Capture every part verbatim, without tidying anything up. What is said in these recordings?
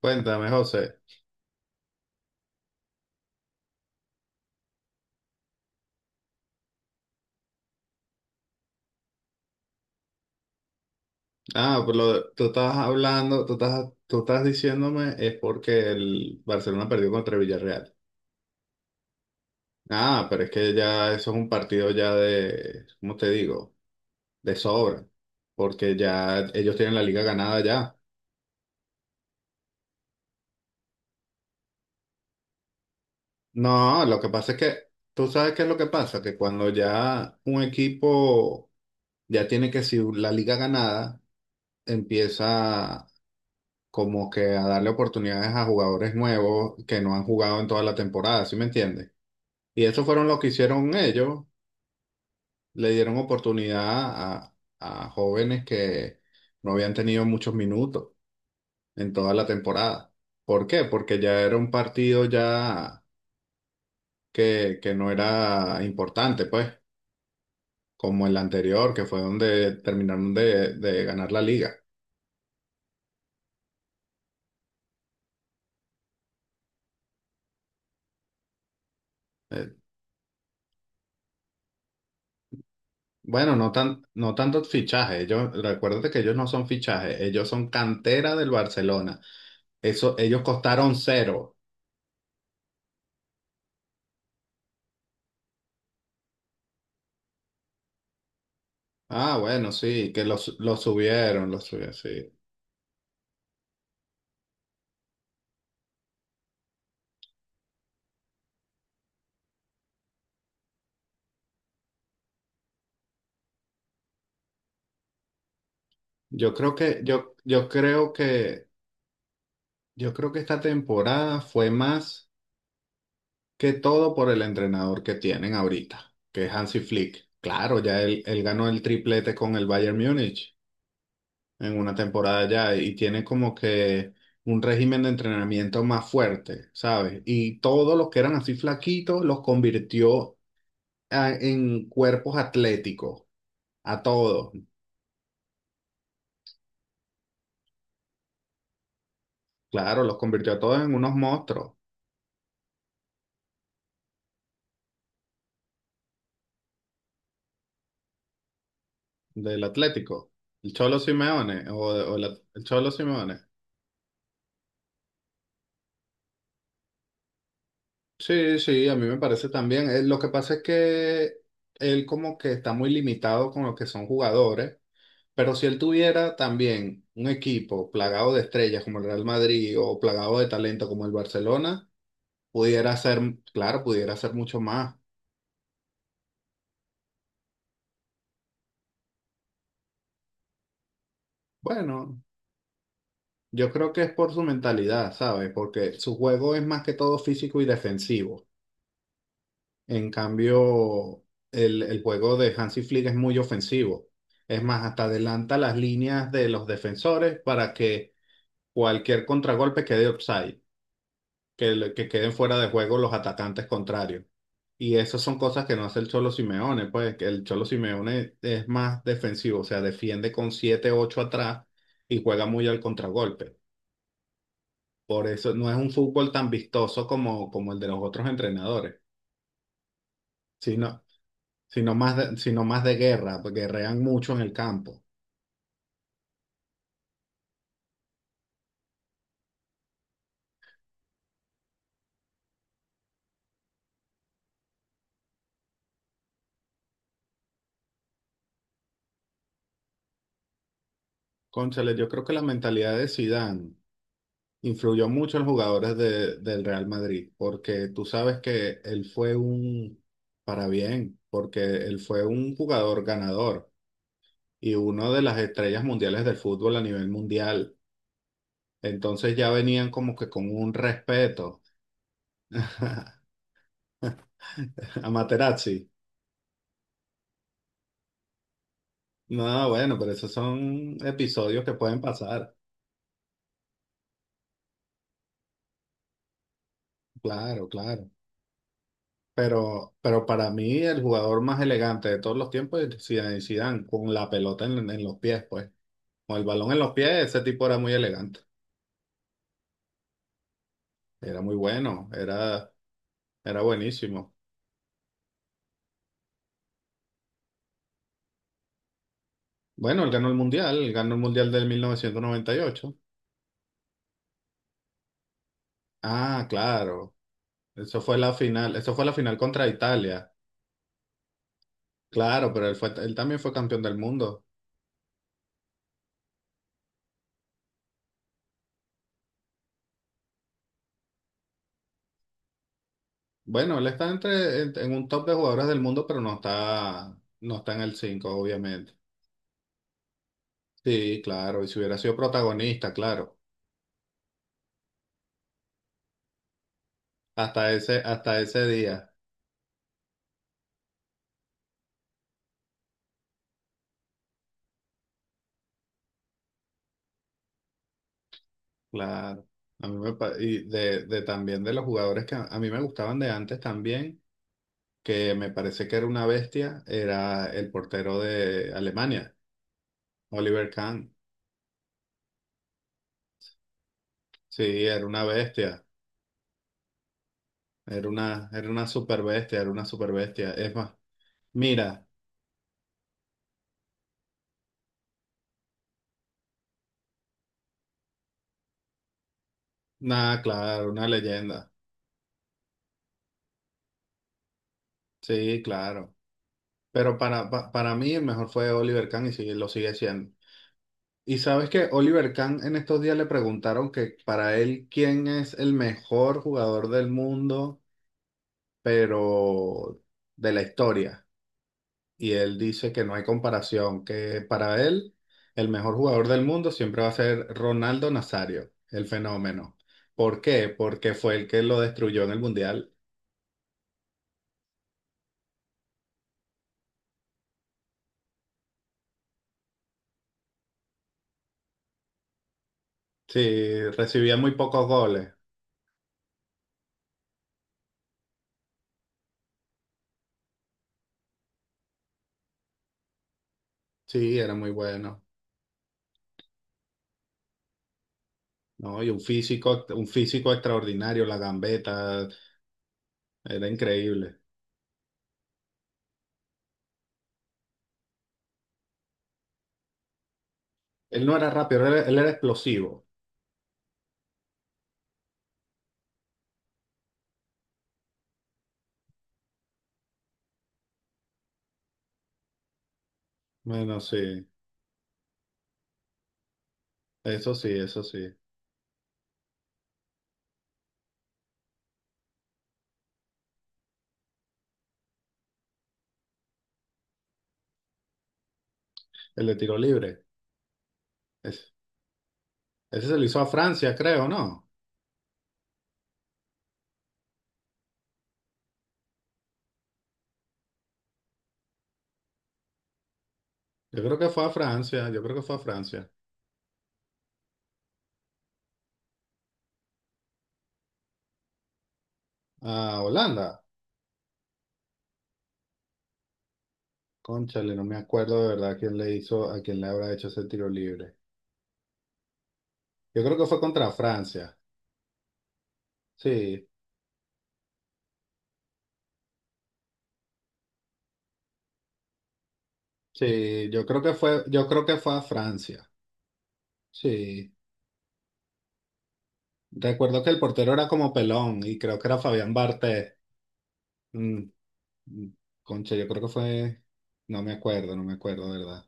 Cuéntame, José. Ah, pues lo, de- tú estás hablando, tú estás, tú estás diciéndome es porque el Barcelona perdió contra Villarreal. Ah, pero es que ya eso es un partido ya de, ¿cómo te digo? De sobra, porque ya ellos tienen la liga ganada ya. No, lo que pasa es que, tú sabes qué es lo que pasa, que cuando ya un equipo ya tiene que si la liga ganada, empieza como que a darle oportunidades a jugadores nuevos que no han jugado en toda la temporada, ¿sí me entiendes? Y eso fueron lo que hicieron ellos. Le dieron oportunidad a, a jóvenes que no habían tenido muchos minutos en toda la temporada. ¿Por qué? Porque ya era un partido ya que, que no era importante, pues, como el anterior, que fue donde terminaron de, de ganar la liga. Eh, bueno, no tan, no tanto fichaje. Ellos, recuérdate que ellos no son fichajes, ellos son cantera del Barcelona. Eso, ellos costaron cero. Ah, bueno, sí, que los los subieron, los subieron, sí. Yo creo que, yo, yo creo que, yo creo que esta temporada fue más que todo por el entrenador que tienen ahorita, que es Hansi Flick. Claro, ya él, él ganó el triplete con el Bayern Múnich en una temporada ya y tiene como que un régimen de entrenamiento más fuerte, ¿sabes? Y todos los que eran así flaquitos los convirtió ah, en cuerpos atléticos, a todos. Claro, los convirtió a todos en unos monstruos del Atlético. El Cholo Simeone, o, o el, At- el Cholo Simeone. Sí, sí, a mí me parece también. Eh, Lo que pasa es que él como que está muy limitado con lo que son jugadores, pero si él tuviera también un equipo plagado de estrellas como el Real Madrid o plagado de talento como el Barcelona, pudiera ser, claro, pudiera ser mucho más. Bueno, yo creo que es por su mentalidad, ¿sabes? Porque su juego es más que todo físico y defensivo. En cambio, el, el juego de Hansi Flick es muy ofensivo. Es más, hasta adelanta las líneas de los defensores para que cualquier contragolpe quede offside, que, le- que queden fuera de juego los atacantes contrarios. Y esas son cosas que no hace el Cholo Simeone, pues que el Cholo Simeone es más defensivo, o sea, defiende con siete ocho atrás y juega muy al contragolpe. Por eso no es un fútbol tan vistoso como, como el de los otros entrenadores, sino sino más de, sino más de guerra, porque guerrean mucho en el campo. Cónchale, yo creo que la mentalidad de Zidane influyó mucho en los jugadores de- del Real Madrid, porque tú sabes que él fue un, para bien, porque él fue un jugador ganador y una de las estrellas mundiales del fútbol a nivel mundial. Entonces ya venían como que con un respeto a Materazzi. No, bueno, pero esos son episodios que pueden pasar. Claro, claro. Pero, pero para mí el jugador más elegante de todos los tiempos es Zinedine Zidane, con la pelota en, en los pies, pues. Con el balón en los pies, ese tipo era muy elegante. Era muy bueno, era, era buenísimo. Bueno, él ganó el Mundial, él ganó el Mundial del mil novecientos noventa y ocho. Ah, claro. Eso fue la final, eso fue la final contra Italia. Claro, pero él fue, él también fue campeón del mundo. Bueno, él está entre, en, en un top de jugadores del mundo, pero no está, no está en el cinco obviamente. Sí, claro, y si hubiera sido protagonista, claro, hasta ese, hasta ese día, claro. A mí me, pa- y de, de también de los jugadores que a, a mí me gustaban de antes también, que me parece que era una bestia, era el portero de Alemania, Oliver Kahn. Sí, era una bestia, era una, era una super bestia, era una super bestia. Es más, mira, nada, claro, una leyenda. Sí, claro. Pero para, pa- para mí el mejor fue Oliver Kahn y sigue- lo sigue siendo. Y sabes que Oliver Kahn en estos días le preguntaron que para él quién es el mejor jugador del mundo, pero de la historia. Y él dice que no hay comparación, que para él el mejor jugador del mundo siempre va a ser Ronaldo Nazario, el fenómeno. ¿Por qué? Porque fue el que lo destruyó en el Mundial. Sí, recibía muy pocos goles. Sí, era muy bueno. No, y un físico, un físico extraordinario, la gambeta, era increíble. Él no era rápido, él era, él era explosivo. Bueno, sí, eso sí, eso sí. El de tiro libre. es- Ese se lo hizo a Francia, creo, ¿no? Yo creo que fue a Francia, yo creo que fue a Francia. A Holanda. Cónchale, no me acuerdo de verdad quién le hizo, a quién le habrá hecho ese tiro libre. Yo creo que fue contra Francia. Sí, sí, yo creo que fue, yo creo que fue a Francia. Sí. Recuerdo que el portero era como pelón y creo que era Fabián Barthez. Concha, yo creo que fue, no me acuerdo, no me acuerdo, ¿verdad?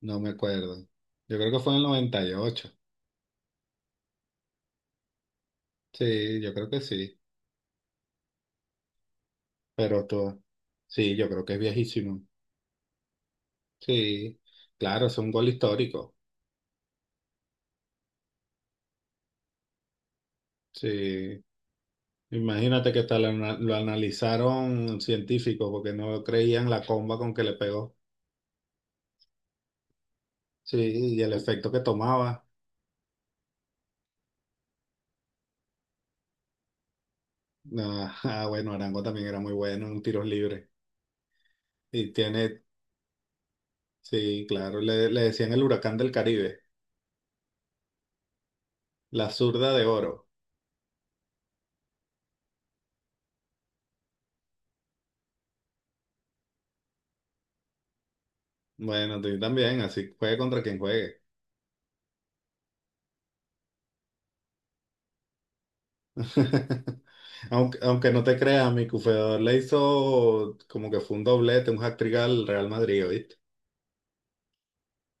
No me acuerdo. Yo creo que fue en el noventa y ocho, sí, yo creo que sí. Pero tú, sí, yo creo que es viejísimo. Sí, claro, es un gol histórico. Sí, imagínate que tal lo, ana- lo analizaron científicos porque no creían la comba con que le pegó. Sí, y el efecto que tomaba. Ah, ah, bueno, Arango también era muy bueno en tiros libres. Y tiene, sí, claro, le, le decían el huracán del Caribe. La zurda de oro. Bueno, tú también, así juegue contra quien juegue. Aunque, aunque no te creas, mi cufeador le hizo como que fue un doblete, un hat-trick al Real Madrid, ¿viste?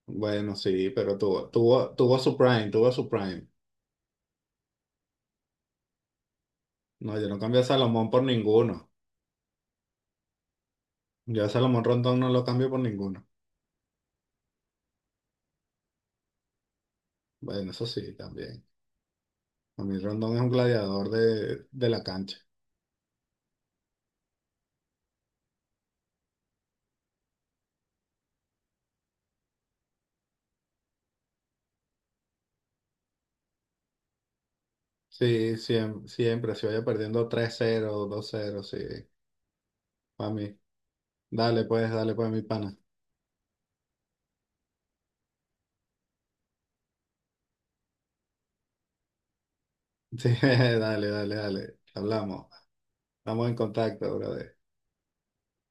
Bueno, sí, pero tuvo, tuvo, tuvo su prime, tuvo su prime. No, yo no cambié a Salomón por ninguno. Yo a Salomón Rondón no lo cambio por ninguno. Bueno, eso sí, también. A mí Rondón es un gladiador de, de la cancha. Sí, siempre, siempre, si vaya perdiendo tres cero dos cero sí, para mí. Dale, pues, dale, pues, mi pana. Sí, dale, dale, dale. Hablamos. Estamos en contacto, brother.